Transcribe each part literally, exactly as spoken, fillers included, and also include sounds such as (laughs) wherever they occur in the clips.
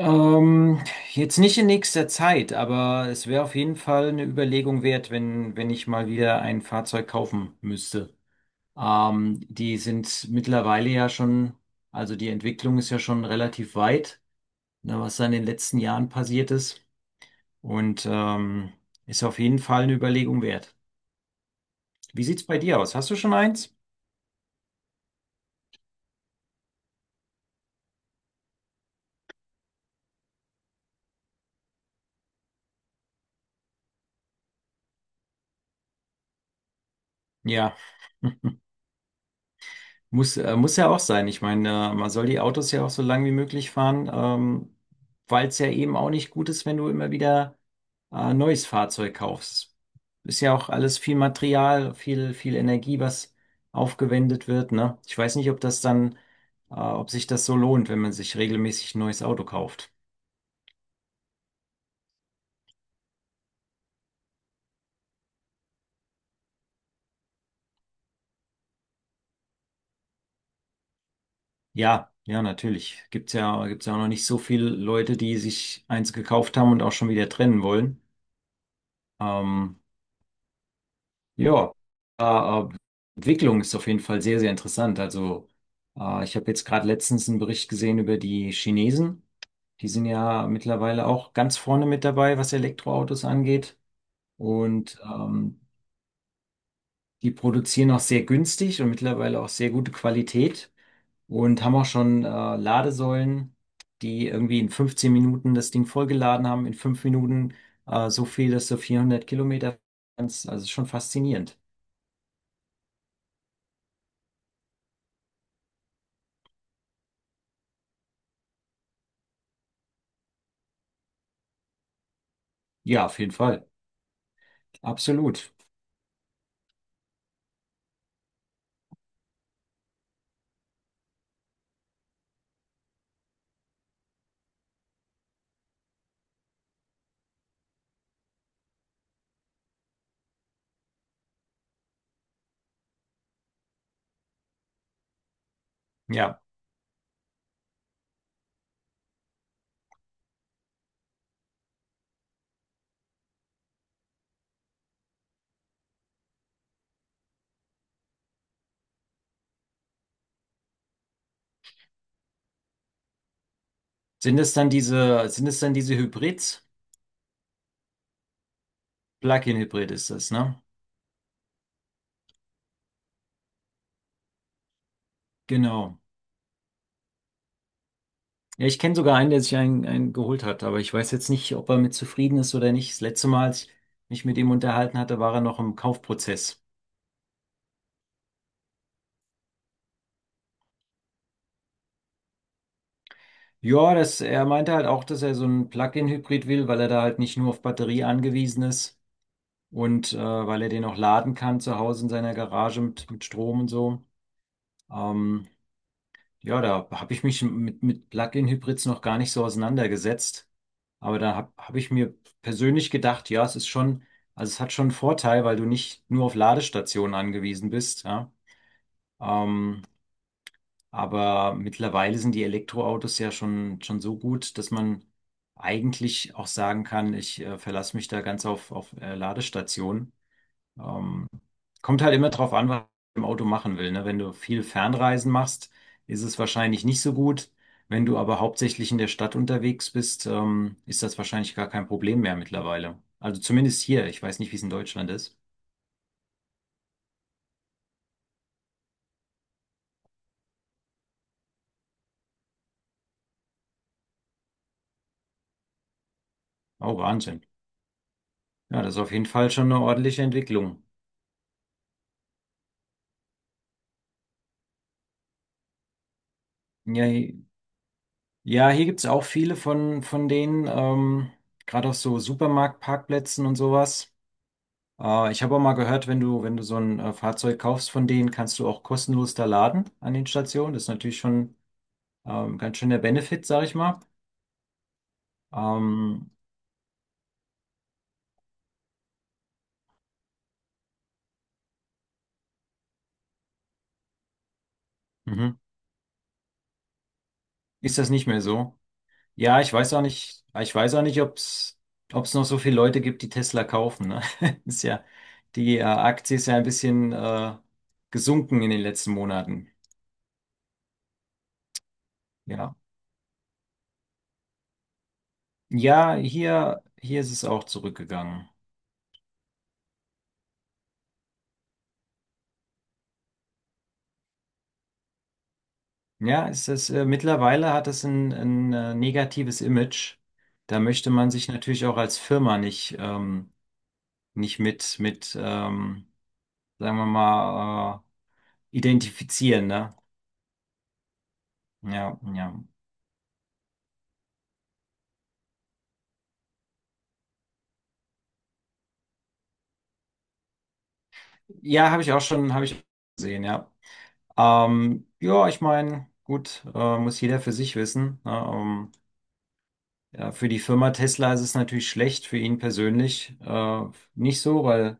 Ähm, jetzt nicht in nächster Zeit, aber es wäre auf jeden Fall eine Überlegung wert, wenn, wenn ich mal wieder ein Fahrzeug kaufen müsste. Ähm, die sind mittlerweile ja schon, also die Entwicklung ist ja schon relativ weit, ne, was da in den letzten Jahren passiert ist. Und ähm, ist auf jeden Fall eine Überlegung wert. Wie sieht's bei dir aus? Hast du schon eins? Ja. Muss, äh, muss ja auch sein. Ich meine, äh, man soll die Autos ja auch so lang wie möglich fahren, ähm, weil es ja eben auch nicht gut ist, wenn du immer wieder äh, neues Fahrzeug kaufst. Ist ja auch alles viel Material, viel, viel Energie, was aufgewendet wird, ne? Ich weiß nicht, ob das dann, äh, ob sich das so lohnt, wenn man sich regelmäßig ein neues Auto kauft. Ja, ja, natürlich. Gibt's ja, gibt's ja auch noch nicht so viele Leute, die sich eins gekauft haben und auch schon wieder trennen wollen. Ähm, Ja, äh, äh, Entwicklung ist auf jeden Fall sehr, sehr interessant. Also, äh, ich habe jetzt gerade letztens einen Bericht gesehen über die Chinesen. Die sind ja mittlerweile auch ganz vorne mit dabei, was Elektroautos angeht. Und ähm, die produzieren auch sehr günstig und mittlerweile auch sehr gute Qualität und haben auch schon äh, Ladesäulen, die irgendwie in fünfzehn Minuten das Ding vollgeladen haben, in fünf Minuten äh, so viel, dass du vierhundert Kilometer kannst. Also schon faszinierend. Ja, auf jeden Fall. Absolut. Ja. Sind es dann diese, sind es dann diese Hybrids? Plug-in-Hybrid ist das, ne? Genau. Ja, ich kenne sogar einen, der sich einen, einen geholt hat, aber ich weiß jetzt nicht, ob er mit zufrieden ist oder nicht. Das letzte Mal, als ich mich mit ihm unterhalten hatte, war er noch im Kaufprozess. Ja, das, er meinte halt auch, dass er so einen Plug-in-Hybrid will, weil er da halt nicht nur auf Batterie angewiesen ist und äh, weil er den auch laden kann zu Hause in seiner Garage mit, mit Strom und so. Ähm, Ja, da habe ich mich mit, mit Plug-in-Hybrids noch gar nicht so auseinandergesetzt. Aber da habe hab hab ich mir persönlich gedacht, ja, es ist schon, also es hat schon einen Vorteil, weil du nicht nur auf Ladestationen angewiesen bist, ja. Ähm, aber mittlerweile sind die Elektroautos ja schon, schon so gut, dass man eigentlich auch sagen kann, ich äh, verlasse mich da ganz auf, auf äh, Ladestationen. Ähm, kommt halt immer drauf an, was man im Auto machen will. Ne? Wenn du viel Fernreisen machst, ist es wahrscheinlich nicht so gut. Wenn du aber hauptsächlich in der Stadt unterwegs bist, ähm, ist das wahrscheinlich gar kein Problem mehr mittlerweile. Also zumindest hier. Ich weiß nicht, wie es in Deutschland ist. Oh, Wahnsinn. Ja, das ist auf jeden Fall schon eine ordentliche Entwicklung. Ja, hi- ja, hier gibt's auch viele von, von denen, ähm, gerade auf so Supermarktparkplätzen und sowas. Äh, ich habe auch mal gehört, wenn du, wenn du so ein äh, Fahrzeug kaufst von denen, kannst du auch kostenlos da laden an den Stationen. Das ist natürlich schon ähm, ganz schön der Benefit, sag ich mal. Ähm, mhm. Ist das nicht mehr so? Ja, ich weiß auch nicht, ich weiß auch nicht, ob es ob es noch so viele Leute gibt, die Tesla kaufen. Ne? (laughs) Ist ja, die äh, Aktie ist ja ein bisschen äh, gesunken in den letzten Monaten. Ja. Ja, hier, hier ist es auch zurückgegangen. Ja, es ist, äh, mittlerweile hat es ein, ein äh, negatives Image. Da möchte man sich natürlich auch als Firma nicht, ähm, nicht mit, mit ähm, sagen wir mal, äh, identifizieren, ne? Ja, ja. Ja, habe ich auch schon, habe ich gesehen, ja. Ähm, ja, ich meine, gut, äh, muss jeder für sich wissen. Ne? Ähm, ja, für die Firma Tesla ist es natürlich schlecht, für ihn persönlich äh, nicht so, weil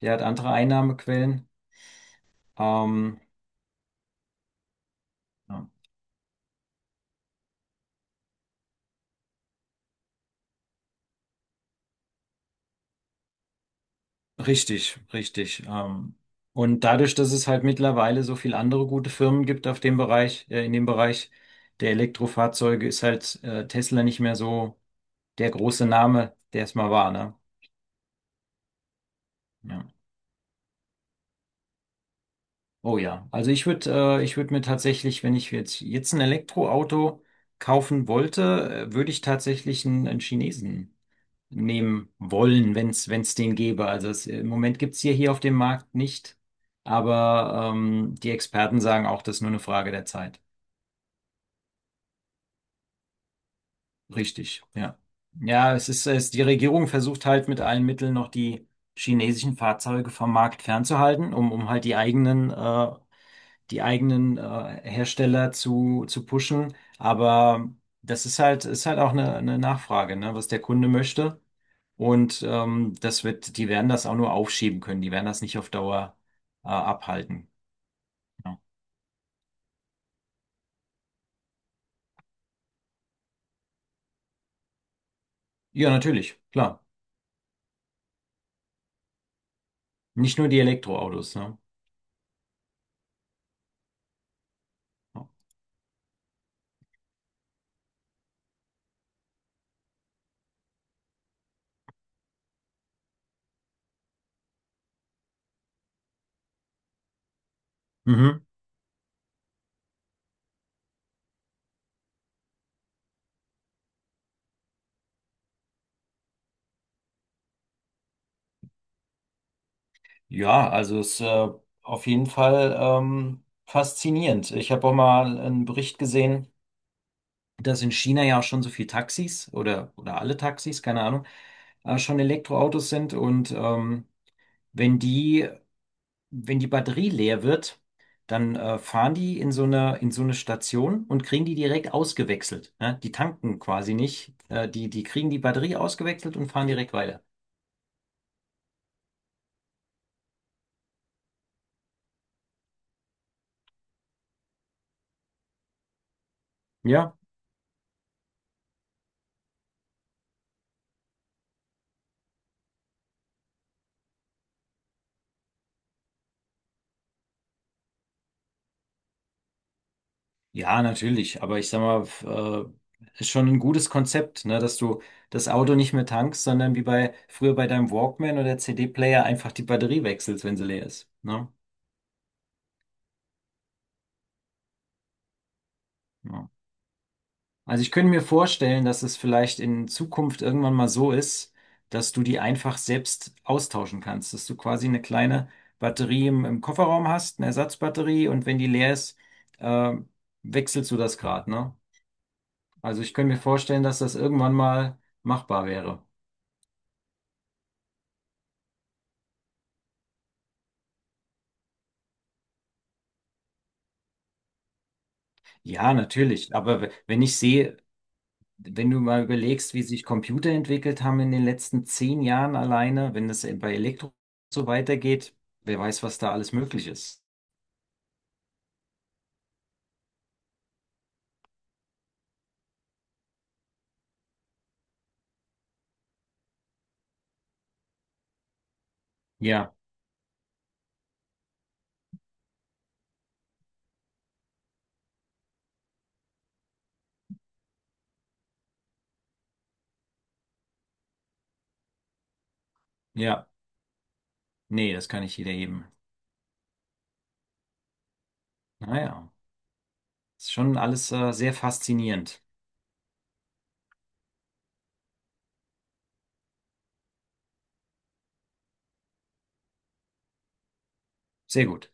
der hat andere Einnahmequellen. Ähm, ja. Richtig, richtig. Ähm, und dadurch, dass es halt mittlerweile so viel andere gute Firmen gibt auf dem Bereich, äh, in dem Bereich der Elektrofahrzeuge, ist halt äh, Tesla nicht mehr so der große Name, der es mal war, ne? Ja. Oh ja. Also ich würde, äh, ich würde mir tatsächlich, wenn ich jetzt jetzt ein Elektroauto kaufen wollte, äh, würde ich tatsächlich einen, einen Chinesen nehmen wollen, wenn es wenn es den gäbe. Also es, im Moment gibt's hier hier auf dem Markt nicht, aber ähm, die Experten sagen auch, das ist nur eine Frage der Zeit. Richtig, ja. Ja, es ist, es, die Regierung versucht halt mit allen Mitteln noch die chinesischen Fahrzeuge vom Markt fernzuhalten, um, um halt die eigenen, äh, die eigenen äh, Hersteller zu, zu pushen. Aber das ist halt, ist halt auch eine, eine Nachfrage, ne, was der Kunde möchte. Und ähm, das wird, die werden das auch nur aufschieben können. Die werden das nicht auf Dauer äh, abhalten. Ja. Ja, natürlich, klar. Nicht nur die Elektroautos, ne? Ja. Mhm. Ja, also es ist äh, auf jeden Fall ähm, faszinierend. Ich habe auch mal einen Bericht gesehen, dass in China ja auch schon so viele Taxis oder, oder alle Taxis, keine Ahnung, äh, schon Elektroautos sind. Und ähm, wenn die wenn die Batterie leer wird, dann äh, fahren die in so eine, in so eine Station und kriegen die direkt ausgewechselt. Ne? Die tanken quasi nicht. Äh, die, die kriegen die Batterie ausgewechselt und fahren direkt weiter. Ja. Ja, natürlich. Aber ich sag mal, f- äh, ist schon ein gutes Konzept, ne? Dass du das Auto nicht mehr tankst, sondern wie bei früher bei deinem Walkman oder C D-Player einfach die Batterie wechselst, wenn sie leer ist. Ne? Ja. Also ich könnte mir vorstellen, dass es vielleicht in Zukunft irgendwann mal so ist, dass du die einfach selbst austauschen kannst, dass du quasi eine kleine Batterie im, im Kofferraum hast, eine Ersatzbatterie und wenn die leer ist, äh, wechselst du das Grad, ne? Also ich könnte mir vorstellen, dass das irgendwann mal machbar wäre. Ja, natürlich. Aber w- wenn ich sehe, wenn du mal überlegst, wie sich Computer entwickelt haben in den letzten zehn Jahren alleine, wenn das bei Elektro so weitergeht, wer weiß, was da alles möglich ist. Ja. Ja, nee, das kann nicht jeder eben. Naja, ist schon alles äh, sehr faszinierend. Sehr gut.